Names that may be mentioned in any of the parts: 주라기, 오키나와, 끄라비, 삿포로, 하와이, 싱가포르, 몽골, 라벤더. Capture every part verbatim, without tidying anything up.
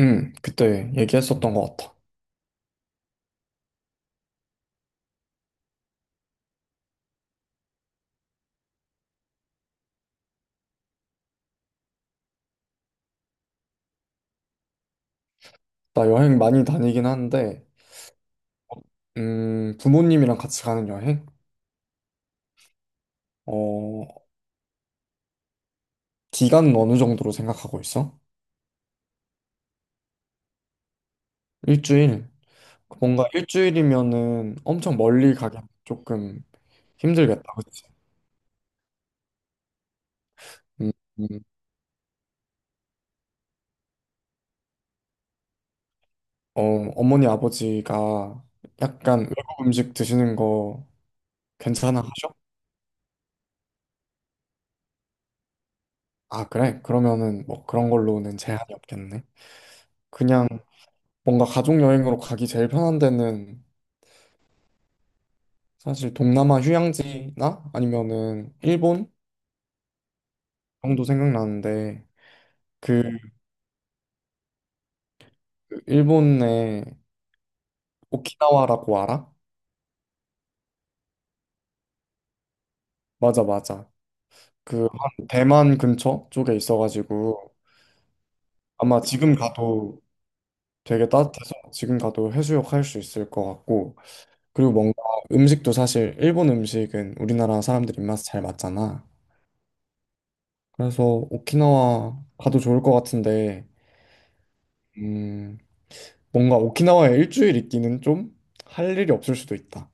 응, 그때 얘기했었던 것 같아. 나 여행 많이 다니긴 하는데, 음, 부모님이랑 같이 가는 여행? 어, 기간은 어느 정도로 생각하고 있어? 일주일? 뭔가 일주일이면은 엄청 멀리 가기 조금 힘들겠다, 그치? 음, 음. 어, 어머니, 아버지가 약간 외국 음식 드시는 거 괜찮아 하셔? 아, 그래? 그러면은 뭐 그런 걸로는 제한이 없겠네. 그냥 뭔가 가족 여행으로 가기 제일 편한 데는 사실 동남아 휴양지나 아니면은 일본 정도 생각나는데 그 음. 일본의 오키나와라고 알아? 맞아 맞아. 그 한 대만 근처 쪽에 있어가지고 아마 지금 가도 되게 따뜻해서 지금 가도 해수욕 할 수 있을 것 같고, 그리고 뭔가 음식도 사실 일본 음식은 우리나라 사람들 입맛에 잘 맞잖아. 그래서 오키나와 가도 좋을 것 같은데, 음 뭔가 오키나와에 일주일 있기는 좀 할 일이 없을 수도 있다.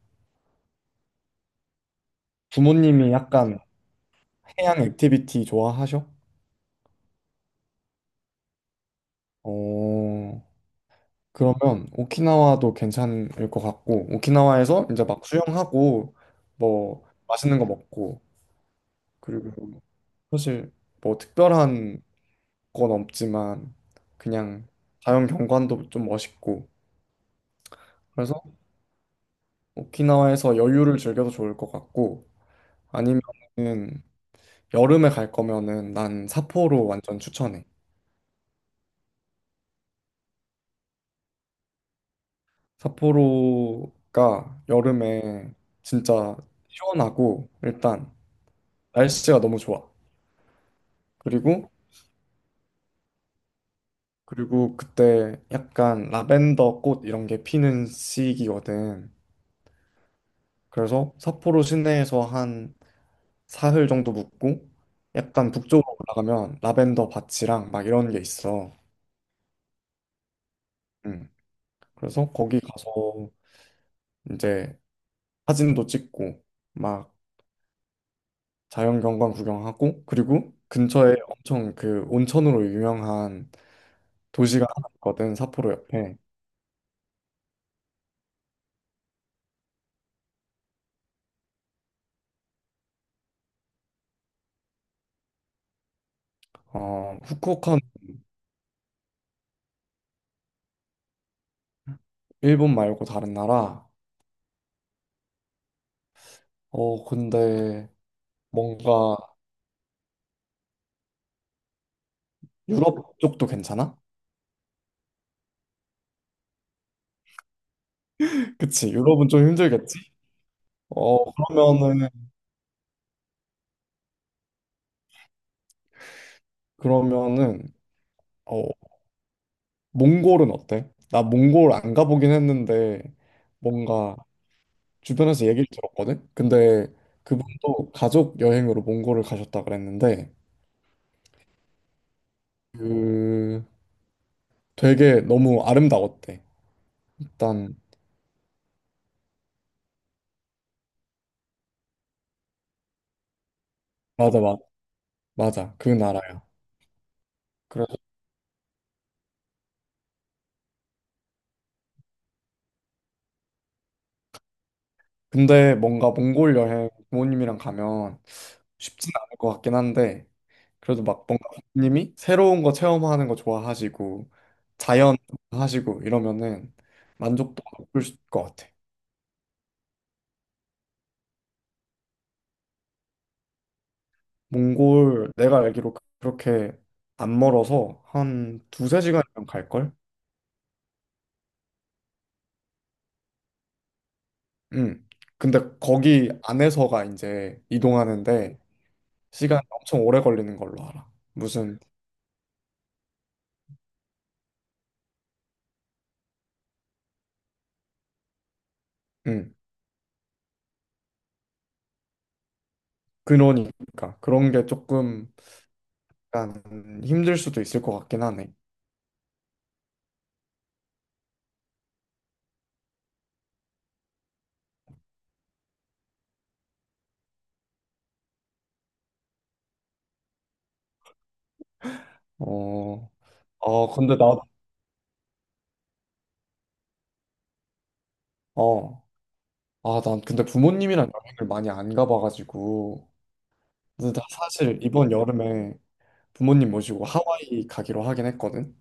부모님이 약간 해양 액티비티 좋아하셔? 어, 그러면 오키나와도 괜찮을 것 같고, 오키나와에서 이제 막 수영하고, 뭐, 맛있는 거 먹고, 그리고 사실 뭐 특별한 건 없지만, 그냥 자연 경관도 좀 멋있고, 그래서 오키나와에서 여유를 즐겨도 좋을 것 같고, 아니면은 여름에 갈 거면은 난 삿포로 완전 추천해. 삿포로가 여름에 진짜 시원하고 일단 날씨가 너무 좋아. 그리고 그리고 그때 약간 라벤더 꽃 이런 게 피는 시기거든. 그래서 삿포로 시내에서 한 사흘 정도 묵고, 약간 북쪽으로 올라가면 라벤더 밭이랑 막 이런 게 있어. 음. 그래서 거기 가서 이제 사진도 찍고 막 자연경관 구경하고, 그리고 근처에 엄청 그 온천으로 유명한 도시가 하나 있거든, 삿포로 옆에. 어 후쿠오카는. 일본 말고 다른 나라. 어 근데 뭔가 유럽 쪽도 괜찮아? 그치, 유럽은 좀 힘들겠지? 어 그러면은 그러면은 어 몽골은 어때? 나 몽골 안 가보긴 했는데, 뭔가 주변에서 얘기를 들었거든? 근데 그분도 가족 여행으로 몽골을 가셨다 그랬는데, 그 되게 너무 아름다웠대. 일단 맞아 맞아. 맞아, 그 나라야. 그래서, 근데 뭔가 몽골 여행 부모님이랑 가면 쉽진 않을 것 같긴 한데, 그래도 막 뭔가 부모님이 새로운 거 체험하는 거 좋아하시고, 자연 하시고 이러면은 만족도가 높을 수- 것 같아. 몽골 내가 알기로 그렇게 안 멀어서 한 두세 시간이면 갈걸? 응. 근데 거기 안에서가 이제 이동하는데 시간 엄청 오래 걸리는 걸로 알아. 무슨 음 그러니까 그런 게 조금 약간 힘들 수도 있을 것 같긴 하네. 어, 아, 근데 나, 어, 아, 난 근데 부모님이랑 여행을 많이 안 가봐가지고. 근데 나 사실 이번 여름에 부모님 모시고 하와이 가기로 하긴 했거든.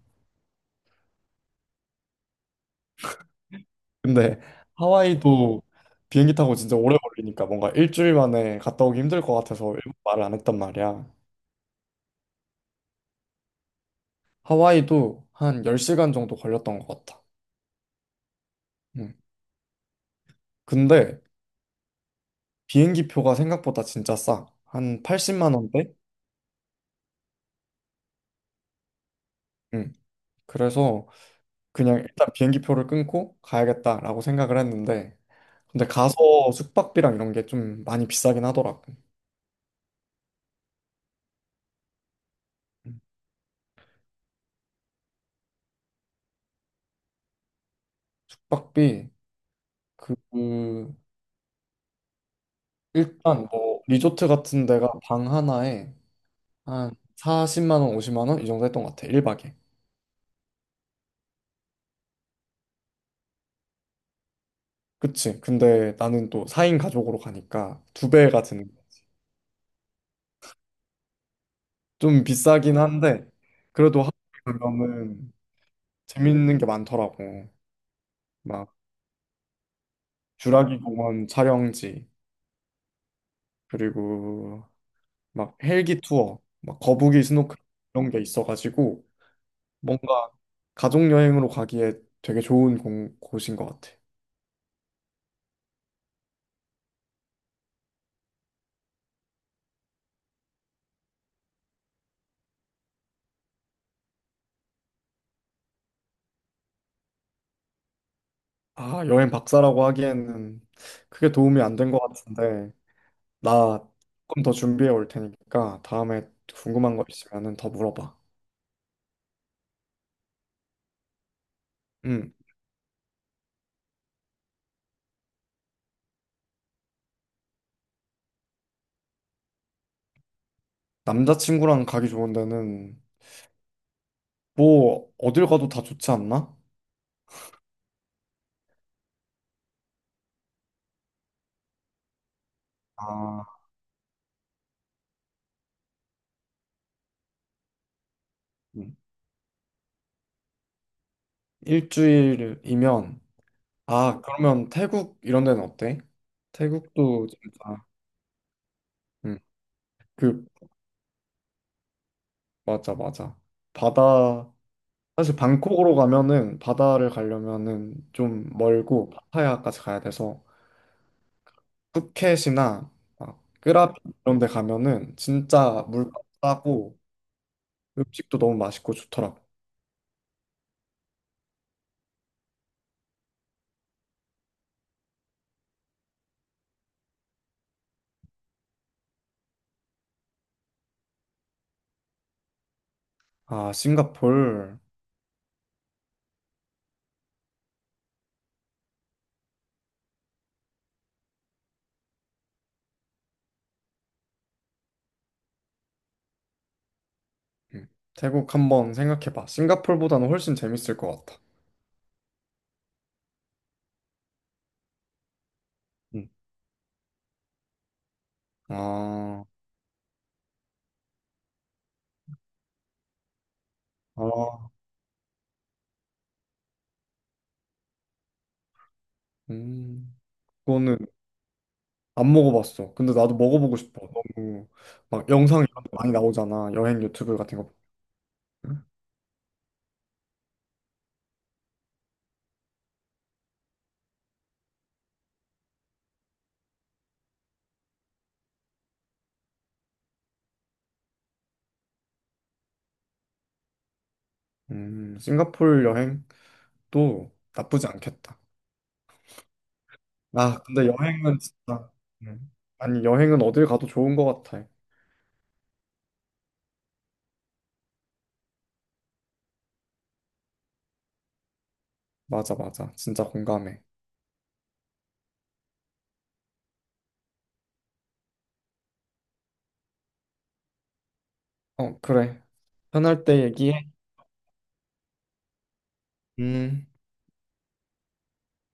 근데 하와이도 비행기 타고 진짜 오래 걸리니까 뭔가 일주일 만에 갔다 오기 힘들 것 같아서 일부 말을 안 했단 말이야. 하와이도 한 열 시간 정도 걸렸던 것 같아. 응. 근데 비행기 표가 생각보다 진짜 싸. 한 팔십만 원대? 응. 그래서 그냥 일단 비행기 표를 끊고 가야겠다라고 생각을 했는데, 근데 가서 숙박비랑 이런 게 좀 많이 비싸긴 하더라고. 음. 숙박비, 그 그, 일단 뭐 리조트 같은 데가 방 하나에 한 사십만 원, 오십만 원 이 정도 했던 것 같아. 일 박에. 그치. 근데 나는 또 사 인 가족으로 가니까 두 배가 드는 거야. 좀 비싸긴 한데, 그래도 하루 그러면은 재밌는 게 많더라고. 막 주라기 공원 촬영지, 그리고 막 헬기 투어, 막 거북이 스노클 이런 게 있어가지고, 뭔가 가족 여행으로 가기에 되게 좋은 공- 곳인 것 같아. 아, 여행 박사라고 하기에는 크게 도움이 안 된 것 같은데, 나 조금 더 준비해 올 테니까 다음에 궁금한 거 있으면은 더 물어봐. 음 남자친구랑 가기 좋은 데는 뭐 어딜 가도 다 좋지 않나? 아, 음. 일주일이면 아 음. 그러면 태국 이런 데는 어때? 태국도 진짜. 응. 그 맞아 맞아. 바다. 사실 방콕으로 가면은 바다를 가려면은 좀 멀고 파타야까지 가야 돼서 푸켓이나 막 끄라비 이런 데 가면은 진짜 물가 싸고 음식도 너무 맛있고 좋더라고. 아, 싱가폴. 음, 태국 한번 생각해봐. 싱가폴보다는 훨씬 재밌을 것 같아. 응. 아, 아, 음. 그거는 안 먹어봤어. 근데 나도 먹어보고 싶어. 너무 막 영상 이런 데 많이 나오잖아. 여행 유튜브 같은 거. 보면. 음, 싱가포르 여행도 나쁘지 않겠다. 아, 근데 여행은 진짜 음, 아니, 여행은 어딜 가도 좋은 것 같아. 맞아, 맞아. 진짜 공감해. 어, 그래. 편할 때 얘기해. 음.